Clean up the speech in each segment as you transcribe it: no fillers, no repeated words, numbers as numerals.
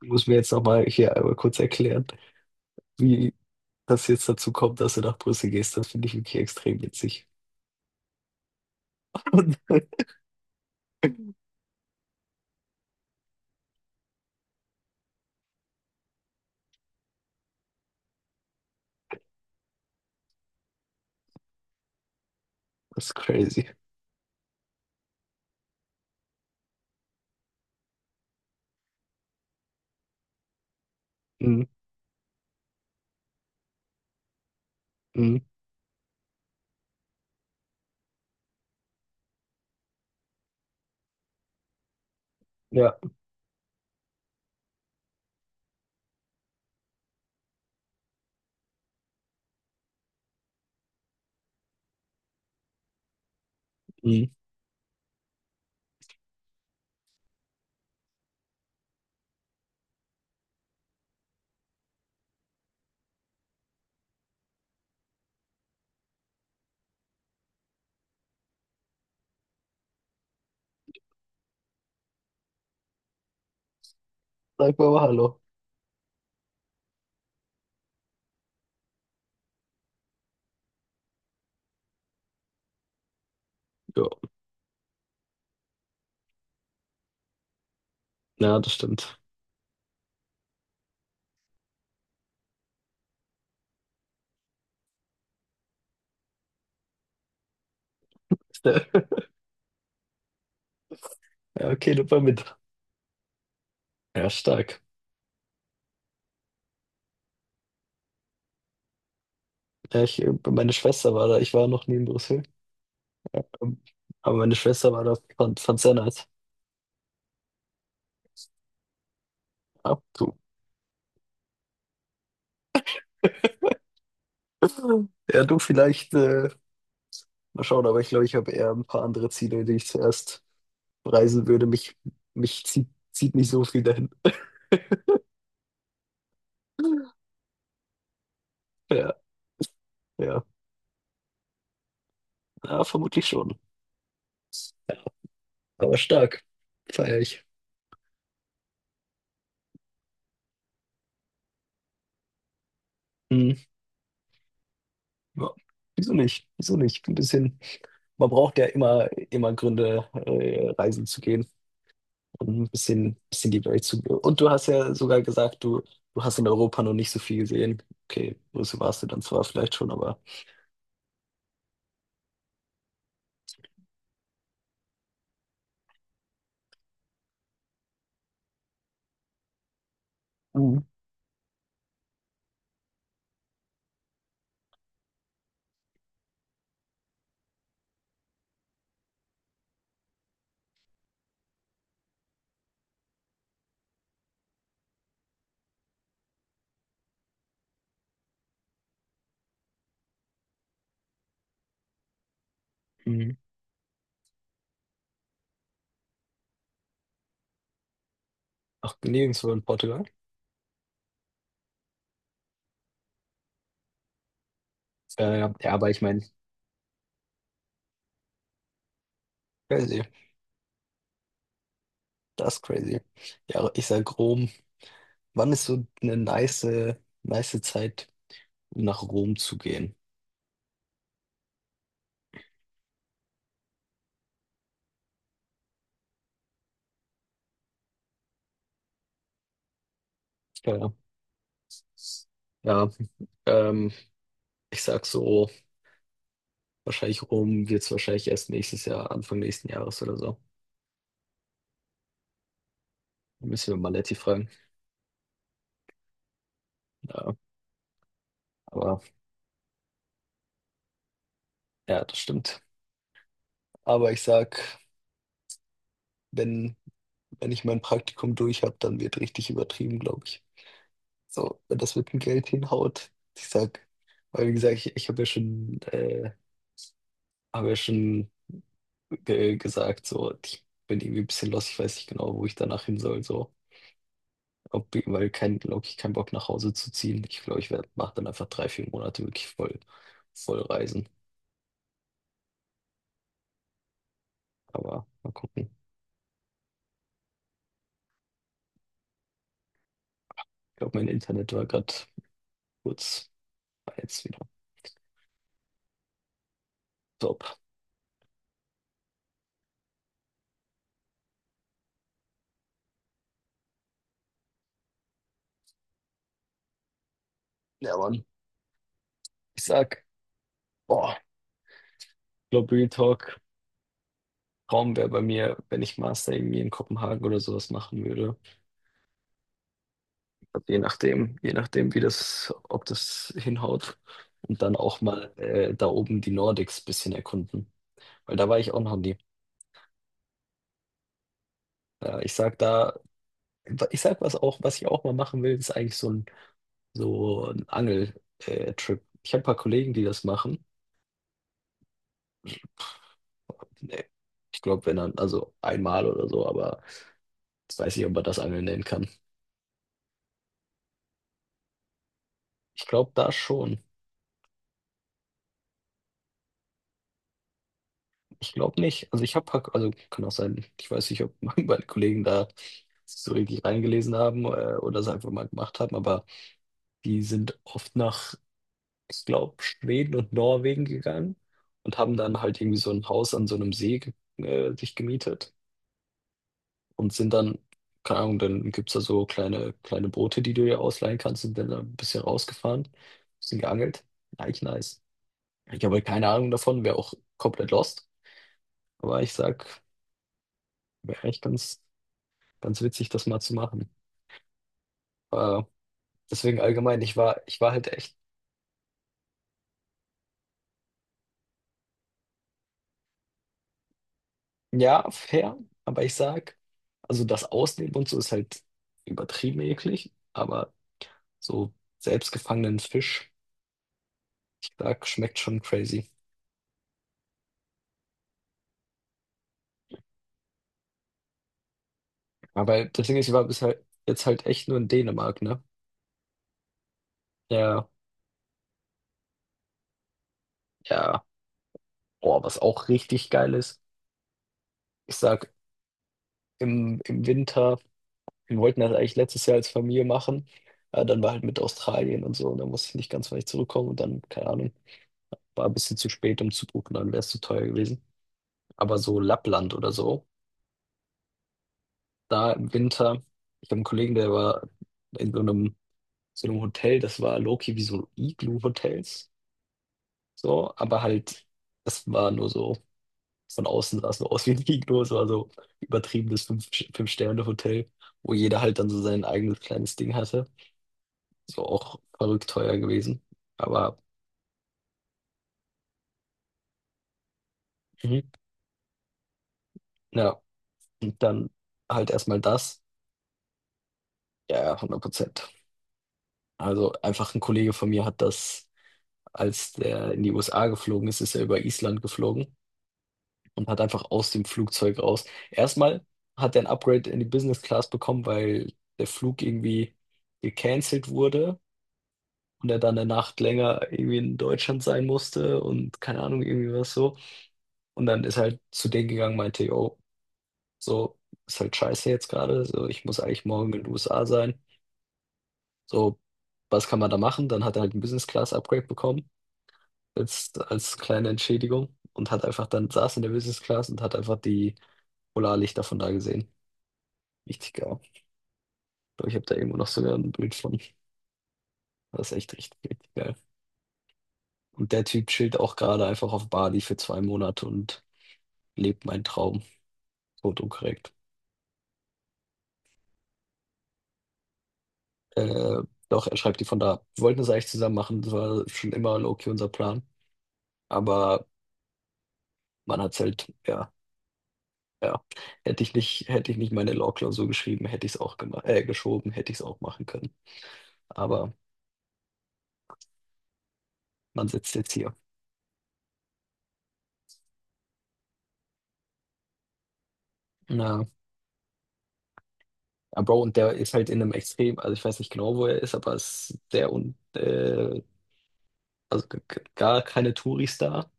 Muss mir jetzt nochmal hier einmal kurz erklären, wie das jetzt dazu kommt, dass du nach Brüssel gehst. Das finde ich wirklich extrem witzig. Das ist crazy. Mm, mm, ja, mm. Sag mir mal Hallo. Ja, ja, das stimmt. Ja, okay, nimm mal mit. Ja, stark. Ja, meine Schwester war da. Ich war noch nie in Brüssel. Ähm, Aber meine Schwester war da. Fand's sehr nice. Ja, du. Ja, du vielleicht. Mal schauen, aber ich glaube, ich habe eher ein paar andere Ziele, die ich zuerst reisen würde. Mich zieht nicht so viel dahin. Ja, ja, ja, vermutlich schon. Aber stark. Feier ich. Hm. Ja. Wieso nicht? Wieso nicht? Ein bisschen. Man braucht ja immer Gründe, reisen zu gehen und ein bisschen die Welt zu. Und du hast ja sogar gesagt, du hast in Europa noch nicht so viel gesehen. Okay, Brüssel warst du dann zwar vielleicht schon, aber. Mhm. Ach, nirgendwo in Portugal. Ja, ja, aber ich meine, crazy. Das ist crazy. Ja, aber ich sag Rom. Wann ist so eine nice Zeit, um nach Rom zu gehen? Ja, ja. Ähm, ich sag so, wahrscheinlich Rom wird's wahrscheinlich erst nächstes Jahr, Anfang nächsten Jahres oder so. Da müssen wir Maletti fragen. Ja, aber ja, das stimmt. Aber ich sag, wenn, wenn ich mein Praktikum durch habe, dann wird richtig übertrieben, glaube ich. So, wenn das mit dem Geld hinhaut, ich sag, weil wie gesagt, ich habe ja schon ge gesagt, so, ich bin irgendwie ein bisschen lost, ich weiß nicht genau, wo ich danach hin soll, so. Weil kein, glaube ich, keinen Bock nach Hause zu ziehen. Ich glaube, mache dann einfach drei, vier Monate wirklich voll reisen. Aber mal gucken. Ich glaube, mein Internet war gerade kurz, war jetzt wieder. Top. Ja, Mann. Ich sag, boah, ich glaube, Real Talk, Traum wäre bei mir, wenn ich Master irgendwie in Kopenhagen oder sowas machen würde. Also je nachdem, ob das hinhaut. Und dann auch mal da oben die Nordics ein bisschen erkunden. Weil da war ich auch noch nie. Ja, ich sag was auch, was ich auch mal machen will, ist eigentlich so ein Angel-Trip. Ich habe ein paar Kollegen, die das machen. Nee, ich glaube, wenn dann, also einmal oder so, aber jetzt weiß ich, ob man das Angeln nennen kann. Ich glaube da schon. Ich glaube nicht. Also also kann auch sein, ich weiß nicht, ob meine Kollegen da sich so richtig reingelesen haben oder es einfach mal gemacht haben, aber die sind oft nach, ich glaube, Schweden und Norwegen gegangen und haben dann halt irgendwie so ein Haus an so einem See sich gemietet und sind dann, keine Ahnung, dann gibt es da so kleine Boote, die du dir ausleihen kannst, sind dann da ein bisschen rausgefahren, bisschen geangelt. Eigentlich nice. Ich habe halt keine Ahnung davon, wäre auch komplett lost, aber ich sag, wäre echt ganz witzig, das mal zu machen. Äh, deswegen allgemein, ich war halt echt, ja, fair, aber ich sag, also das Ausnehmen und so ist halt übertrieben eklig, aber so selbstgefangenen Fisch, ich sag, schmeckt schon crazy. Aber das Ding ist, ich war bisher jetzt halt echt nur in Dänemark, ne? Ja, ja. Boah, was auch richtig geil ist. Ich sag, im Winter, wir wollten das eigentlich letztes Jahr als Familie machen. Ja, dann war halt mit Australien und so, und dann musste ich nicht ganz weit zurückkommen und dann, keine Ahnung, war ein bisschen zu spät, um zu buchen, dann wäre es zu teuer gewesen. Aber so Lappland oder so, da im Winter, ich habe einen Kollegen, der war in so einem Hotel, das war Loki wie so Igloo-Hotels, so, aber halt, das war nur so, von außen sah es nur aus wie ein Igloo, es war so übertriebenes Fünf-Sterne-Hotel, wo jeder halt dann so sein eigenes kleines Ding hatte. So auch verrückt teuer gewesen, aber mhm. ja, und dann halt erstmal das, ja, ja, 100%. Also einfach ein Kollege von mir hat das, als der in die USA geflogen ist, ist er über Island geflogen und hat einfach aus dem Flugzeug raus. Erstmal hat er ein Upgrade in die Business Class bekommen, weil der Flug irgendwie gecancelt wurde und er dann eine Nacht länger irgendwie in Deutschland sein musste und keine Ahnung, irgendwie was so. Und dann ist er halt zu denen gegangen, meinte, yo, so ist halt scheiße jetzt gerade, so ich muss eigentlich morgen in den USA sein. So, was kann man da machen? Dann hat er halt ein Business Class Upgrade bekommen, als kleine Entschädigung und hat einfach dann saß in der Business Class und hat einfach die Polarlichter von da gesehen. Richtig geil. Ich glaube, ich habe da irgendwo noch sogar ein Bild von. Das ist echt richtig, richtig geil. Und der Typ chillt auch gerade einfach auf Bali für 2 Monate und lebt meinen Traum. Fotokorrekt. Äh, doch, er schreibt die von da. Wir wollten das eigentlich zusammen machen. Das war schon immer low-key unser Plan. Aber man hat's halt, ja, ja. Hätte ich nicht meine Law-Klausur geschrieben, hätte ich es auch geschoben, hätte ich es auch machen können. Aber man sitzt jetzt hier. Na, ja, Bro, und der ist halt in einem extrem, also ich weiß nicht genau, wo er ist, aber es ist sehr und also gar keine Touris da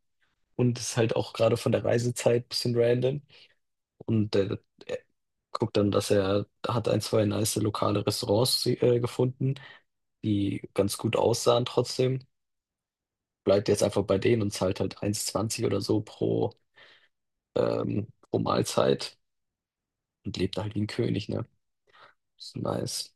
und ist halt auch gerade von der Reisezeit ein bisschen random. Und er guckt dann, dass er hat ein, zwei nice lokale Restaurants gefunden, die ganz gut aussahen trotzdem. Bleibt jetzt einfach bei denen und zahlt halt 1,20 oder so pro Mahlzeit und lebt halt wie ein König, ne? Ist nice.